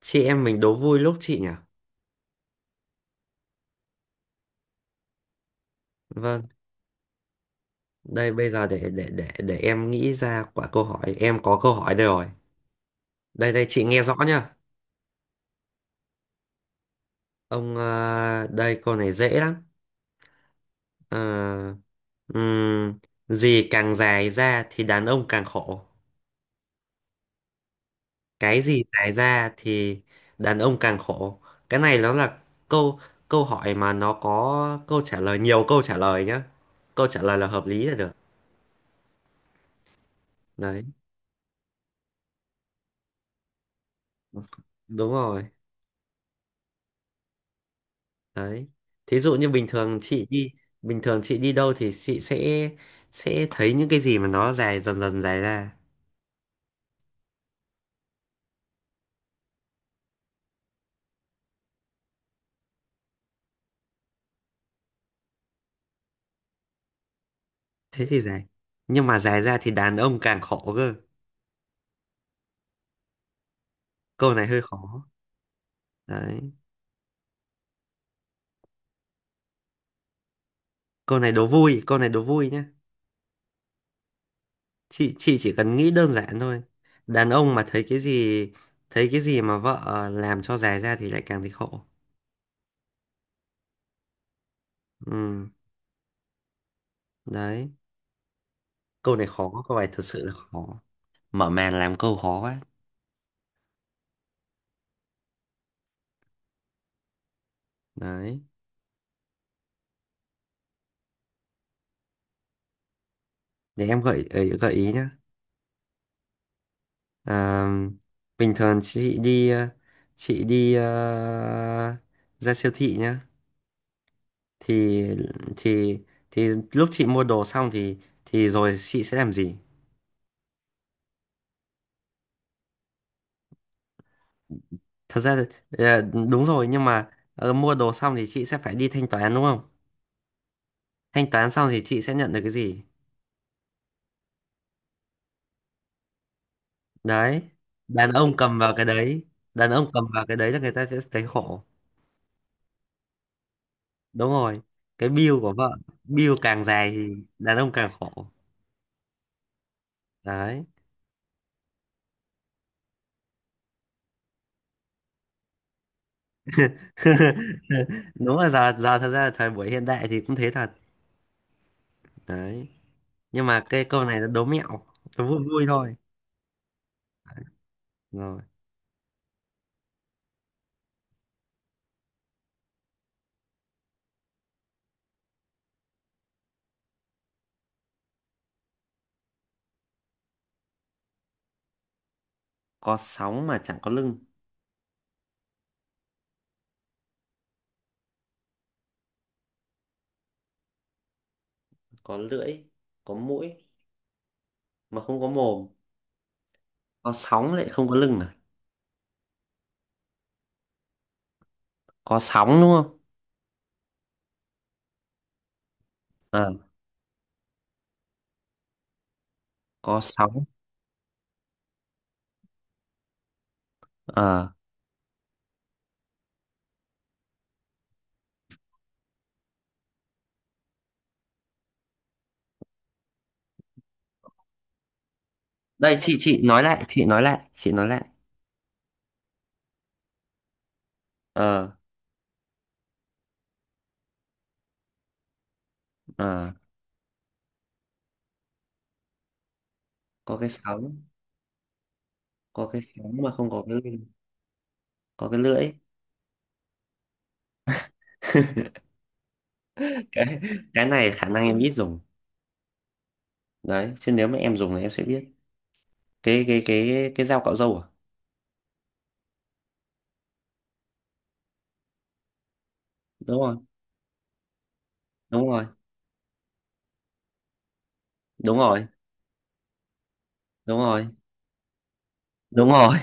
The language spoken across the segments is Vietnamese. Chị em mình đố vui lúc chị nhỉ? Vâng. Đây bây giờ để em nghĩ ra quả câu hỏi. Em có câu hỏi đây rồi. Đây đây, chị nghe rõ nhá. Đây câu này dễ lắm. Ờ, ừm, Gì càng dài ra thì đàn ông càng khổ? Cái gì dài ra thì đàn ông càng khổ? Cái này nó là câu câu hỏi mà nó có câu trả lời, nhiều câu trả lời nhá. Câu trả lời là hợp lý là được. Đấy, đúng rồi. Đấy. Thí dụ như bình thường chị đi đâu thì chị sẽ thấy những cái gì mà nó dài dần dần dài ra. Thế thì dài. Nhưng mà dài ra thì đàn ông càng khổ cơ. Câu này hơi khó. Đấy. Câu này đố vui, câu này đố vui nhá. Chị chỉ cần nghĩ đơn giản thôi. Đàn ông mà thấy cái gì, mà vợ làm cho dài ra thì lại càng thấy khổ. Ừ, đấy. Câu này khó, câu này thật sự là khó. Mở màn làm câu khó quá. Đấy. Để em gợi ý nhá. À, bình thường chị đi ra siêu thị nhá. Thì thì thì lúc chị mua đồ xong thì rồi chị sẽ làm gì? Thật ra ờ, đúng rồi nhưng mà mua đồ xong thì chị sẽ phải đi thanh toán đúng không? Thanh toán xong thì chị sẽ nhận được cái gì? Đấy, đàn ông cầm vào cái đấy, đàn ông cầm vào cái đấy là người ta sẽ thấy khổ. Đúng rồi, cái bill của vợ, bill càng dài thì đàn ông càng khổ. Đấy. Đúng là giờ giờ thật ra là thời buổi hiện đại thì cũng thế thật, đấy. Nhưng mà cái câu này nó đố mẹo, nó vui vui thôi. Rồi. Có sóng mà chẳng có lưng, có lưỡi, có mũi mà không có mồm. Có sóng lại không có lưng à? Có sóng đúng không? Ờ, có sóng. Ờ, đây chị nói lại. Ờ. Ờ. Có cái sóng. Có cái sóng mà không có cái lưng. Có cái lưỡi. cái cái này khả năng em ít dùng. Đấy chứ nếu mà em dùng thì em sẽ biết. Cái dao cạo râu à? Đúng rồi. Đúng rồi. Đúng rồi. Đúng rồi. Đúng rồi.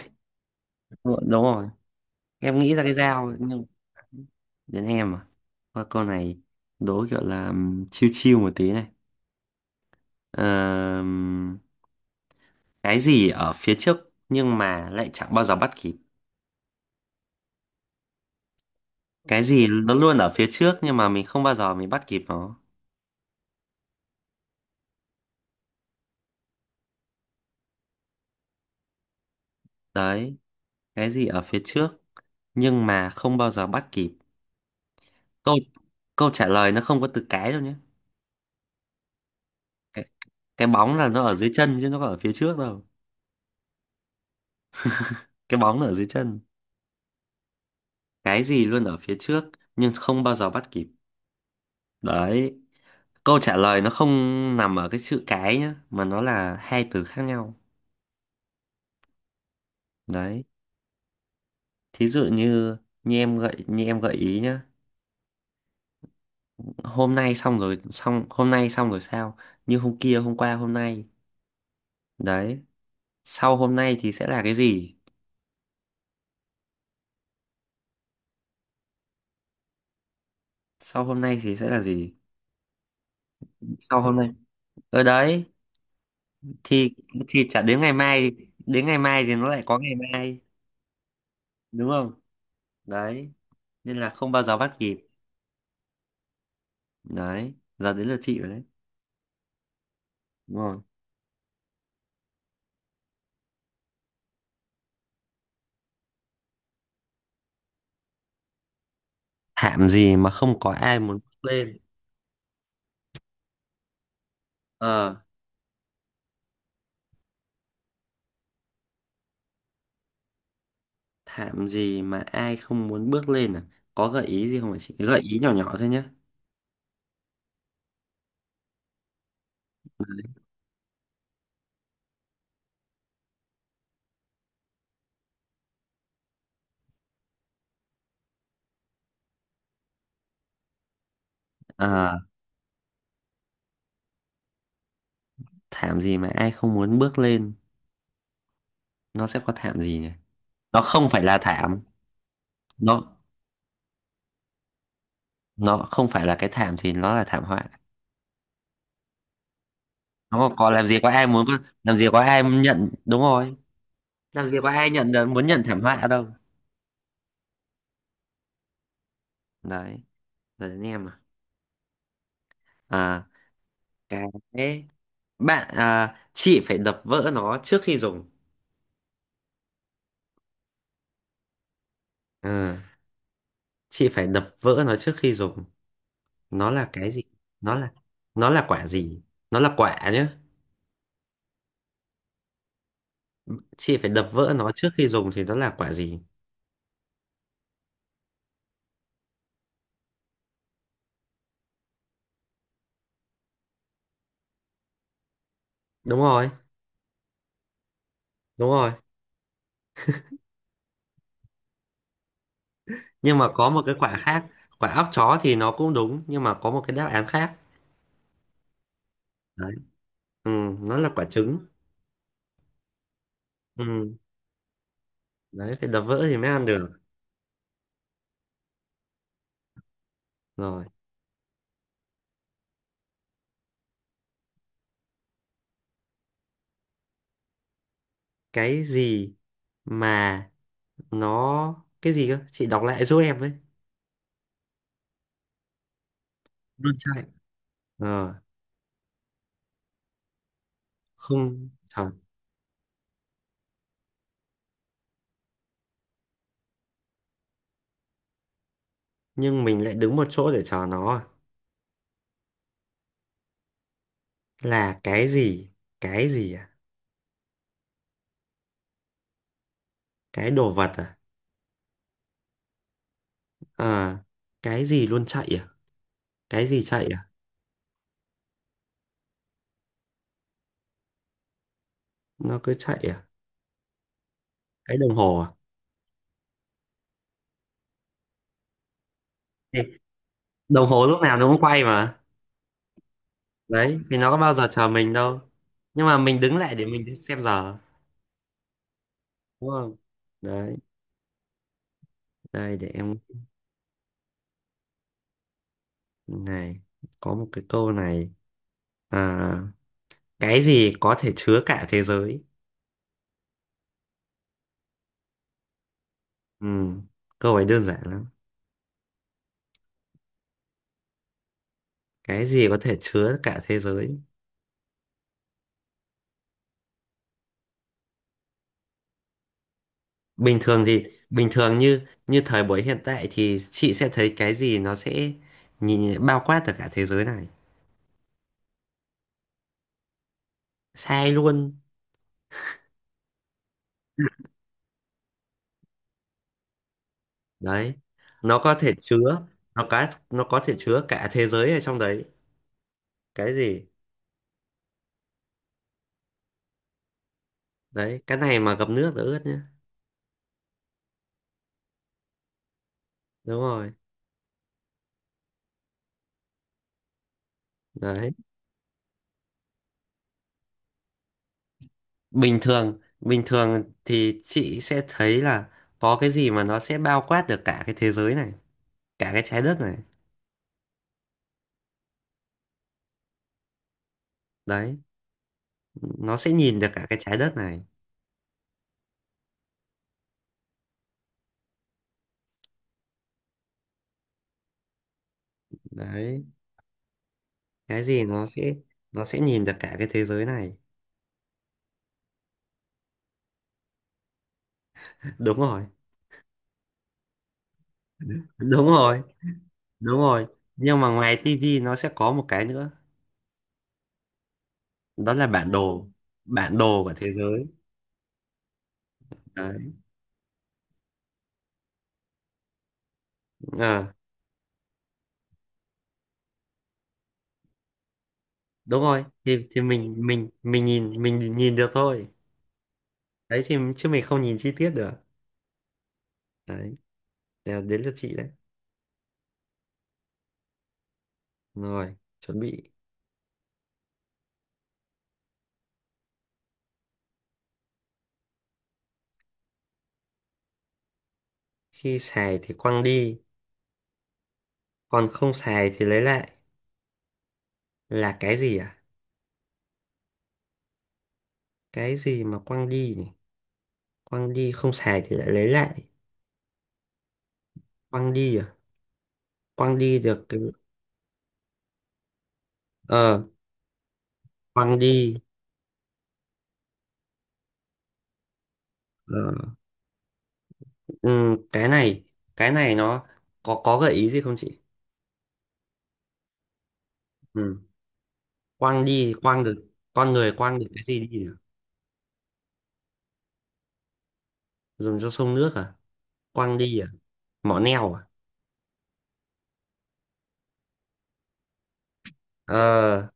Đúng rồi, em nghĩ ra cái dao nhưng. Đến em à? Thôi câu này đố kiểu là chill chill một tí này. Ờm, cái gì ở phía trước nhưng mà lại chẳng bao giờ bắt kịp? Cái gì nó luôn ở phía trước nhưng mà mình không bao giờ mình bắt kịp nó? Đấy, cái gì ở phía trước nhưng mà không bao giờ bắt kịp? Câu câu trả lời nó không có từ cái đâu nhé. Cái bóng là nó ở dưới chân chứ nó có ở phía trước đâu. Cái bóng nó ở dưới chân. Cái gì luôn ở phía trước nhưng không bao giờ bắt kịp? Đấy, câu trả lời nó không nằm ở cái chữ cái nhá, mà nó là hai từ khác nhau. Đấy, thí dụ như như em gợi ý nhá. Hôm nay xong rồi, xong hôm nay xong rồi sao? Như hôm kia, hôm qua, hôm nay. Đấy, sau hôm nay thì sẽ là cái gì? Sau hôm nay thì sẽ là gì? Sau hôm nay ở đấy, thì thì chả đến ngày mai. Đến ngày mai thì nó lại có ngày mai, đúng không? Đấy nên là không bao giờ bắt kịp. Đấy, giờ đến lượt chị rồi đấy. Đúng rồi. Thảm gì mà không có ai muốn bước lên? Ờ, thảm gì mà ai không muốn bước lên à? Có gợi ý gì không hả chị? Gợi ý nhỏ nhỏ thôi nhé. Ờ, thảm gì mà ai không muốn bước lên? Nó sẽ có thảm gì nhỉ? Nó không phải là thảm. Nó nó không phải là cái thảm thì nó là thảm họa. Nó có làm gì có ai muốn, làm gì có ai nhận, đúng rồi. Làm gì có ai nhận được muốn nhận thảm họa đâu. Đấy. Đấy, anh em à. À, cái bạn à, chị phải đập vỡ nó trước khi dùng. Ờ, chị phải đập vỡ nó trước khi dùng. Nó là cái gì? Nó là nó là quả gì? Nó là quả nhá. Chị phải đập vỡ nó trước khi dùng thì nó là quả gì? Đúng rồi, đúng rồi. Nhưng mà có một cái quả khác, quả óc chó thì nó cũng đúng nhưng mà có một cái đáp án khác. Đấy. Ừ, nó là quả trứng. Ừ, đấy phải đập vỡ thì mới ăn được. Rồi, cái gì mà nó cái gì cơ? Chị đọc lại giúp em với. Nó chạy ờ không thật. Nhưng mình lại đứng một chỗ để chờ nó à. Là cái gì? Cái gì à? Cái đồ vật à? ờ cái gì luôn chạy à? Cái gì chạy à? Nó cứ chạy à? Cái đồng hồ à? Ê, đồng hồ lúc nào nó cũng quay mà. Đấy thì nó có bao giờ chờ mình đâu. Nhưng mà mình đứng lại để mình xem giờ, đúng không? Đấy, đây để em này, có một cái câu này. À, cái gì có thể chứa cả thế giới? Ừ, câu ấy đơn giản lắm. Cái gì có thể chứa cả thế giới? bình thường thì Bình thường như như thời buổi hiện tại thì chị sẽ thấy cái gì nó sẽ nhìn bao quát được cả thế giới này. Sai luôn. Đấy, nó có thể chứa. Nó có thể chứa cả thế giới ở trong đấy. Cái gì? Đấy, cái này mà ngập nước là ướt nhá. Đúng rồi. Đấy. Bình thường thì chị sẽ thấy là có cái gì mà nó sẽ bao quát được cả cái thế giới này, cả cái trái đất này. Đấy. Nó sẽ nhìn được cả cái trái đất này. Đấy, cái gì nó sẽ nhìn được cả cái thế giới này. Đúng rồi. Đúng rồi, đúng rồi. Nhưng mà ngoài tivi nó sẽ có một cái nữa, đó là bản đồ, bản đồ của thế giới. Đấy. ờ, Đúng rồi, thì mình nhìn được thôi. Đấy thì chứ mình không nhìn chi tiết được. Đấy. Đấy, đến lượt chị đấy. Rồi, chuẩn bị. Khi xài thì quăng đi, còn không xài thì lấy lại là cái gì à? Cái gì mà quăng đi nhỉ? Quăng đi, không xài thì lại lấy lại. Quăng đi à? Quăng đi được cái. ờ Quăng đi. ờ, ừ, cái này, nó có gợi ý gì không chị? Ừ. Quăng đi quăng được. Con người quăng được cái gì đi nhỉ? Dùng cho sông nước à? Quăng đi à? Mỏ neo à? Ờ.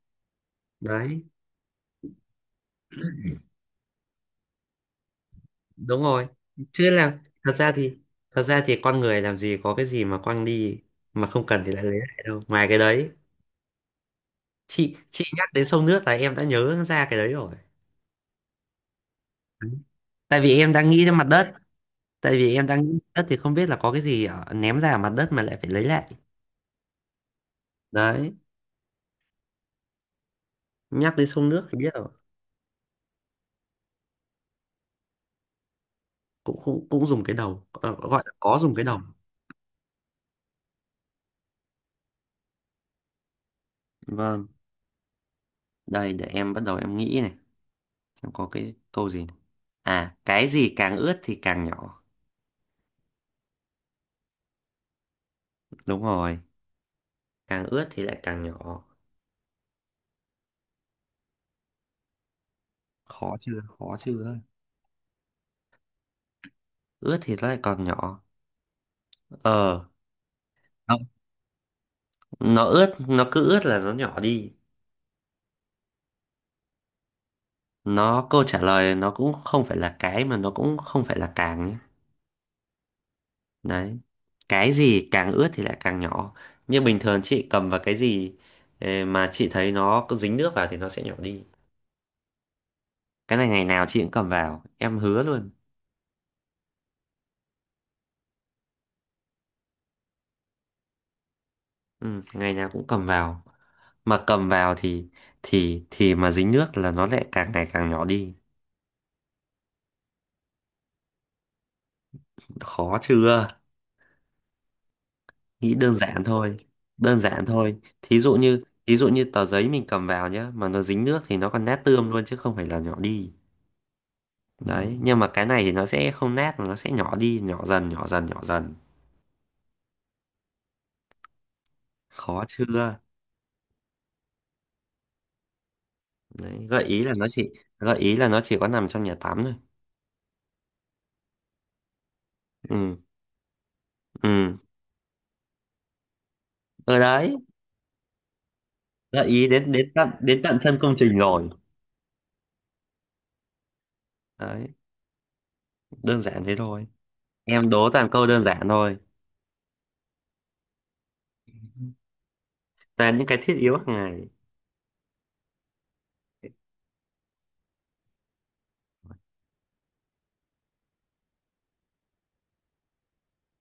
Đấy, đúng rồi. Chứ là thật ra thì con người làm gì có cái gì mà quăng đi mà không cần thì lại lấy lại đâu ngoài cái đấy. Chị nhắc đến sông nước là em đã nhớ ra cái đấy rồi. Đấy. Tại vì em đang nghĩ ra mặt đất. Tại vì em đang nghĩ đất thì không biết là có cái gì ở, ném ra ở mặt đất mà lại phải lấy lại. Đấy, nhắc đến sông nước thì biết rồi. Cũng cũng Cũng dùng cái đầu, gọi là có dùng cái đầu. Vâng, đây để em bắt đầu, em nghĩ này, em có cái câu gì này. À, cái gì càng ướt thì càng nhỏ? Đúng rồi. Càng ướt thì lại càng nhỏ. Khó chưa, khó chưa? Ướt thì nó lại còn nhỏ. Ờ, nó, nó ướt, nó cứ ướt là nó nhỏ đi. Nó câu trả lời nó cũng không phải là cái, mà nó cũng không phải là càng nhé. Đấy. Cái gì càng ướt thì lại càng nhỏ. Nhưng bình thường chị cầm vào cái gì mà chị thấy nó có dính nước vào thì nó sẽ nhỏ đi. Cái này ngày nào chị cũng cầm vào, em hứa luôn. Ừ, ngày nào cũng cầm vào. Mà cầm vào thì mà dính nước là nó lại càng ngày càng nhỏ đi. Khó chưa? Nghĩ đơn giản thôi. Đơn giản thôi. Thí dụ như tờ giấy mình cầm vào nhá, mà nó dính nước thì nó còn nát tươm luôn chứ không phải là nhỏ đi. Đấy, nhưng mà cái này thì nó sẽ không nát, nó sẽ nhỏ đi, nhỏ dần, nhỏ dần, nhỏ dần. Khó chưa? Đấy, gợi ý là nó chỉ có nằm trong nhà tắm thôi. Ừ, ừ. Ở đấy, gợi ý đến đến tận tận chân công trình rồi. Đấy, đơn giản thế thôi. Em đố toàn câu đơn giản thôi, toàn những cái thiết yếu hàng ngày.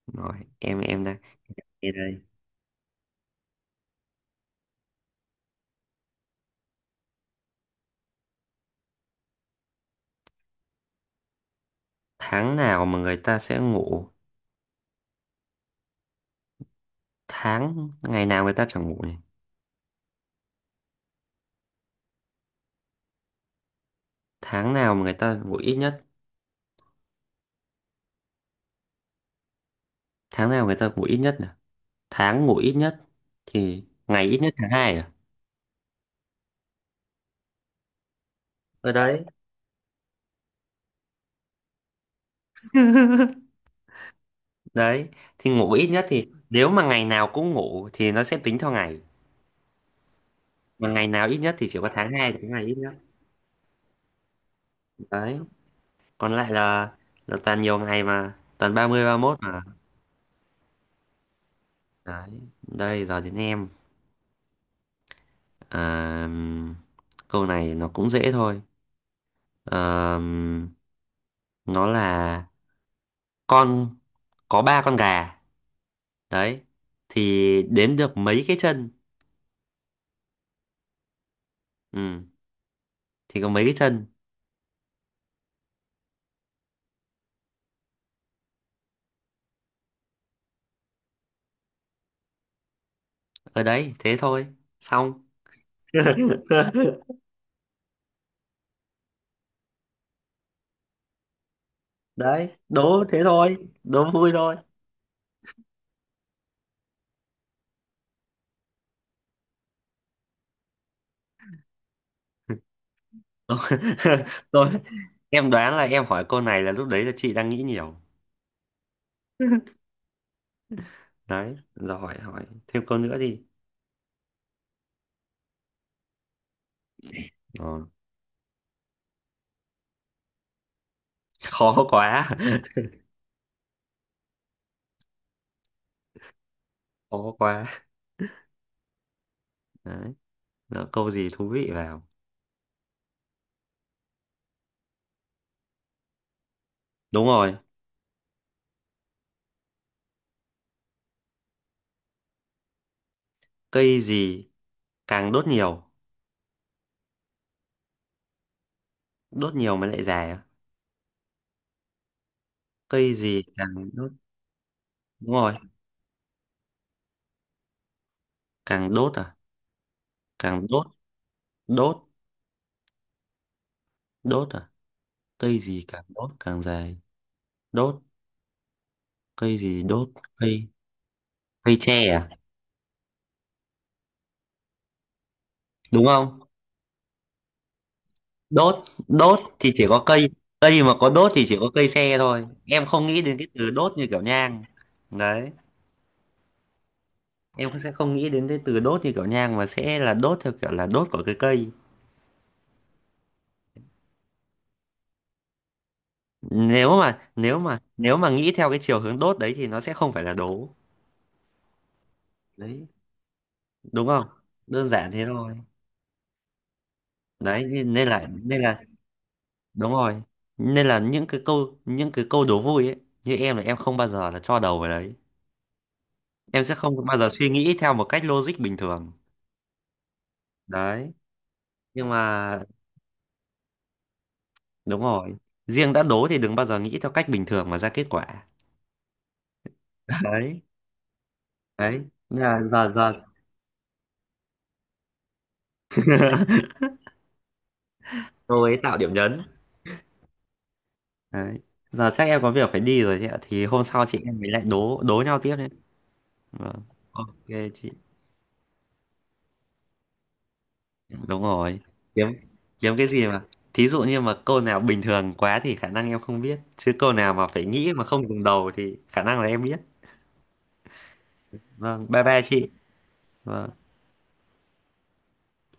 Rồi, em đây, em đây. Tháng nào mà người ta sẽ ngủ? Tháng ngày nào người ta chẳng ngủ nhỉ? Tháng nào mà người ta ngủ ít nhất? Tháng nào người ta ngủ ít nhất nhỉ? Tháng ngủ ít nhất thì ngày ít nhất tháng 2 à? Ở đấy. Đấy thì ngủ ít nhất thì nếu mà ngày nào cũng ngủ thì nó sẽ tính theo ngày, mà ngày nào ít nhất thì chỉ có tháng 2 là cái ngày ít nhất. Đấy, còn lại là toàn nhiều ngày mà toàn 30, 31 mà. Đấy, đây giờ đến em à. Câu này nó cũng dễ thôi. À, nó là con có ba con gà, đấy thì đếm được mấy cái chân? Ừ, thì có mấy cái chân? Ở đấy, thế thôi, xong. Đấy đố thế thôi, đố vui thôi. Đố- rồi, em đoán là em hỏi câu này là lúc đấy là chị đang nghĩ nhiều. Đấy, rồi hỏi hỏi thêm câu nữa đi. Ờ, khó quá. Khó quá. Đấy. Lỡ câu gì thú vị vào. Đúng rồi. Cây gì càng đốt nhiều? Đốt nhiều mới lại dài à? Cây gì càng đốt? Đúng rồi. Càng đốt à? Càng đốt. Đốt. Đốt à? Cây gì càng đốt càng dài? Đốt. Cây gì đốt? Cây cây tre à? Đúng không? Đốt đốt thì chỉ có cây, cây mà có đốt thì chỉ có cây tre thôi, em không nghĩ đến cái từ đốt như kiểu nhang. Đấy, em sẽ không nghĩ đến cái từ đốt như kiểu nhang mà sẽ là đốt theo kiểu là đốt của cái cây. Nếu mà nghĩ theo cái chiều hướng đốt đấy thì nó sẽ không phải là đố. Đấy, đúng không? Đơn giản thế thôi. Đấy, nên nên là đúng rồi, nên là những cái câu, đố vui ấy, như em là em không bao giờ là cho đầu vào đấy, em sẽ không bao giờ suy nghĩ theo một cách logic bình thường. Đấy nhưng mà đúng rồi, riêng đã đố thì đừng bao giờ nghĩ theo cách bình thường mà ra kết quả. Đấy. Đấy, nên là giờ giờ cô ấy tạo điểm nhấn. Đấy, giờ chắc em có việc phải đi rồi chị ạ, thì hôm sau chị em mình lại đố đố nhau tiếp đấy. Vâng, ok chị. Đúng rồi. Kiếm Kiếm cái gì mà thí dụ như mà câu nào bình thường quá thì khả năng em không biết, chứ câu nào mà phải nghĩ mà không dùng đầu thì khả năng là em biết. Vâng, bye bye chị. Vâng.